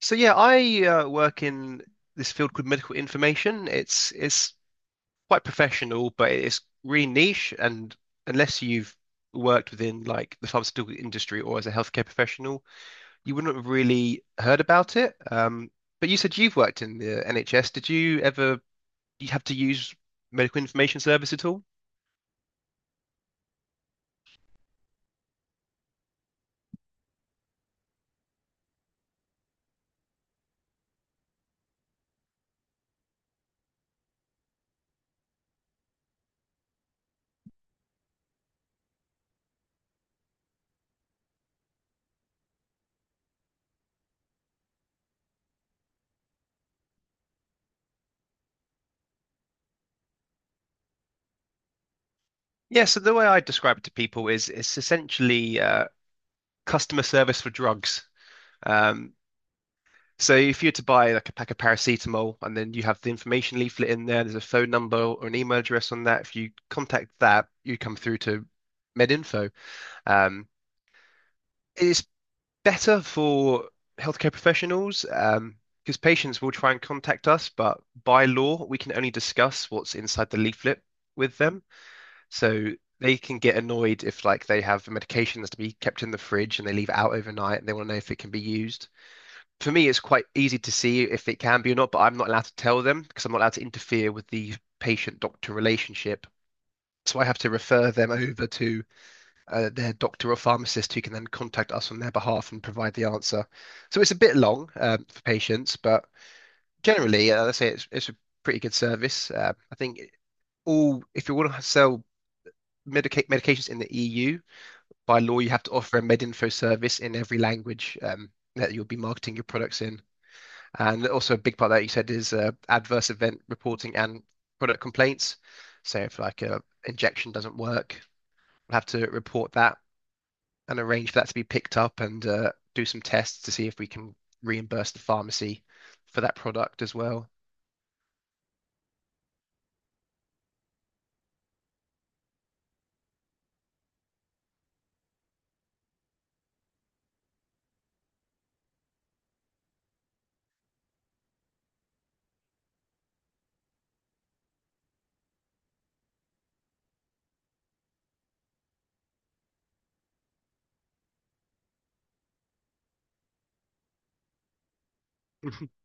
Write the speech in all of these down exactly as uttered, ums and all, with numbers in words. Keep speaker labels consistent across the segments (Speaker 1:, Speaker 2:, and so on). Speaker 1: So yeah, I uh, work in this field called medical information. It's it's quite professional, but it's really niche. And unless you've worked within like the pharmaceutical industry or as a healthcare professional, you wouldn't have really heard about it. Um, but you said you've worked in the N H S. Did you ever you have to use medical information service at all? Yeah. So the way I describe it to people is it's essentially uh, customer service for drugs. Um, So if you were to buy like a pack of paracetamol and then you have the information leaflet in there, there's a phone number or an email address on that. If you contact that, you come through to MedInfo. Um, it's better for healthcare professionals um, because patients will try and contact us, but by law, we can only discuss what's inside the leaflet with them. So they can get annoyed if like they have medication that's to be kept in the fridge and they leave it out overnight and they want to know if it can be used. For me, it's quite easy to see if it can be or not, but I'm not allowed to tell them because I'm not allowed to interfere with the patient-doctor relationship. So I have to refer them over to uh, their doctor or pharmacist who can then contact us on their behalf and provide the answer. So it's a bit long um, for patients, but generally, uh, I say it's, it's a pretty good service. Uh, I think all, if you want to sell medica medications in the E U, by law, you have to offer a MedInfo service in every language um, that you'll be marketing your products in. And also a big part that you said is uh, adverse event reporting and product complaints. So if like a injection doesn't work, we'll have to report that and arrange for that to be picked up and uh, do some tests to see if we can reimburse the pharmacy for that product as well.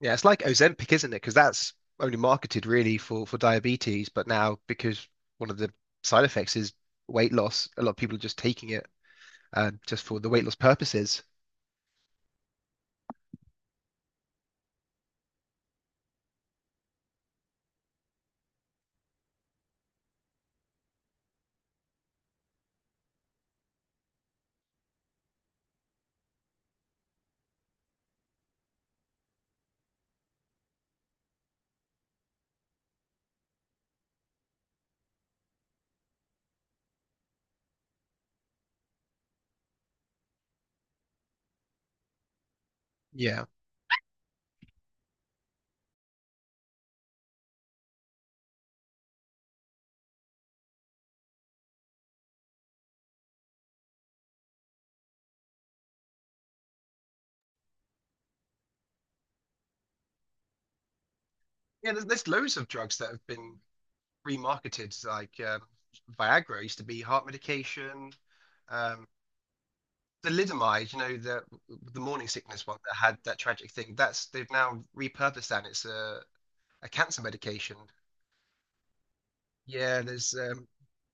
Speaker 1: Yeah, it's like Ozempic, isn't it? Because that's only marketed really for for diabetes, but now because one of the side effects is weight loss, a lot of people are just taking it uh, just for the weight loss purposes. Yeah. Yeah, there's, there's loads of drugs that have been remarketed like um, Viagra used to be heart medication. Um, Thalidomide, you know, the the morning sickness one that had that tragic thing. That's they've now repurposed that. And It's a, a cancer medication. Yeah, there's um,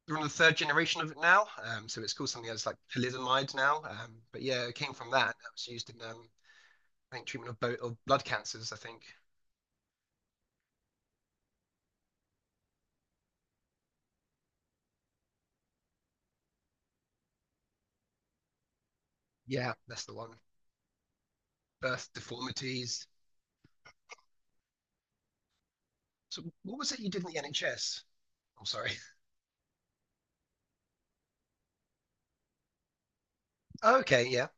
Speaker 1: they're on the third generation of it now. Um, so it's called something else like thalidomide now. Um, but yeah, it came from that. That was used in um, I think treatment of both of blood cancers. I think. Yeah, that's the one. Birth deformities. So what was it you did in the N H S? I'm sorry. Okay, yeah.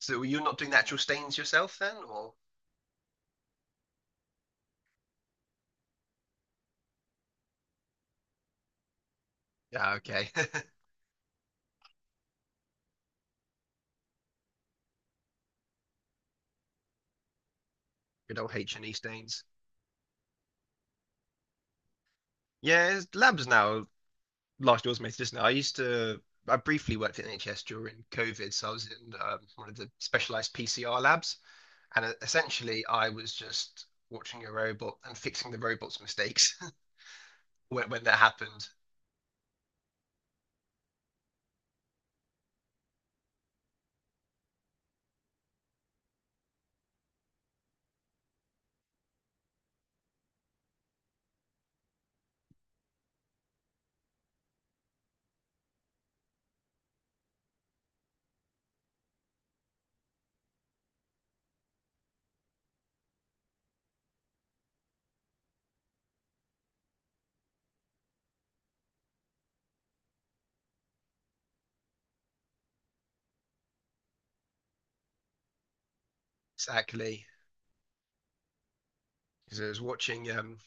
Speaker 1: So you're not doing the actual stains yourself then, or? Yeah, okay. Good old H and E stains. Yeah, labs now. Largely automated, isn't it? I used to. I briefly worked at N H S during COVID, so I was in um, one of the specialized P C R labs, and uh, essentially I was just watching a robot and fixing the robot's mistakes when when that happened. Exactly. Because I was watching um,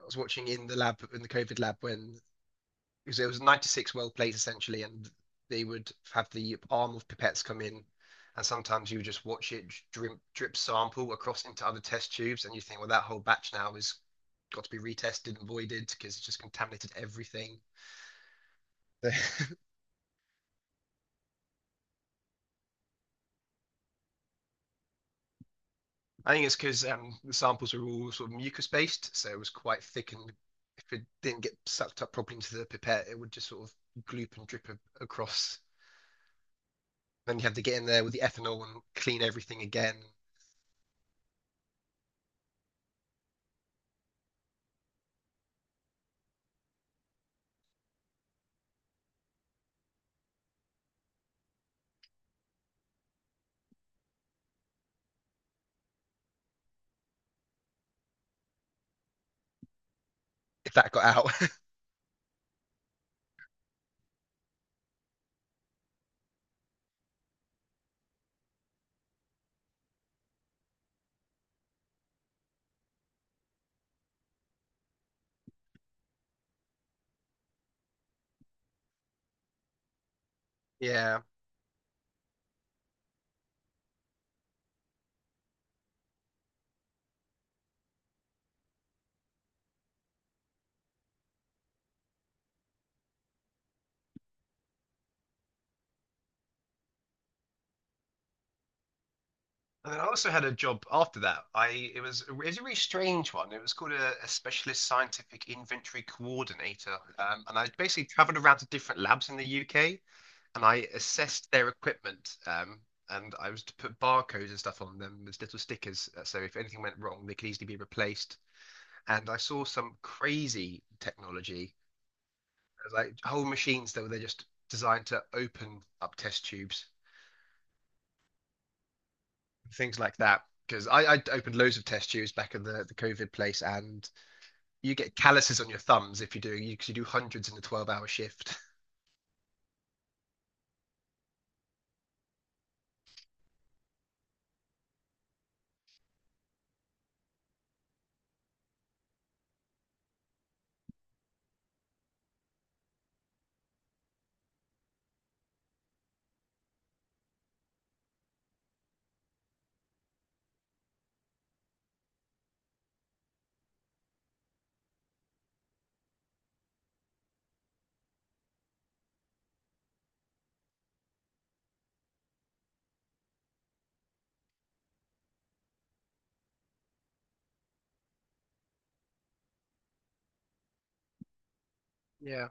Speaker 1: I was watching in the lab in the COVID lab when because it was ninety-six well plates essentially, and they would have the arm of pipettes come in, and sometimes you would just watch it drip, drip sample across into other test tubes, and you think, well, that whole batch now has got to be retested and voided because it's just contaminated everything. I think it's because um, the samples were all sort of mucus based, so it was quite thick, and if it didn't get sucked up properly into the pipette, it would just sort of gloop and drip across. Then you have to get in there with the ethanol and clean everything again if that got out. Yeah. And then I also had a job after that. I It was it was a really strange one. It was called a, a specialist scientific inventory coordinator, um, and I basically travelled around to different labs in the U K and I assessed their equipment. Um, and I was to put barcodes and stuff on them as little stickers, uh, so if anything went wrong, they could easily be replaced. And I saw some crazy technology, like whole machines that were they just designed to open up test tubes things like that. Because I, I opened loads of test tubes back in the, the COVID place, and you get calluses on your thumbs if you do, because you you do hundreds in a twelve hour shift. Yeah.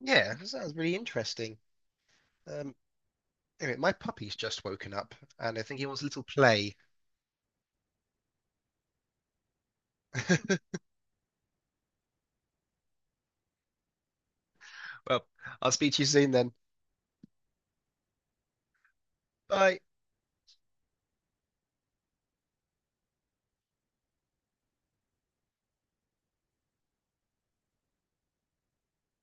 Speaker 1: Yeah, that sounds really interesting. Um, anyway, my puppy's just woken up, and I think he wants a little play. Well, I'll speak to you soon then. Bye.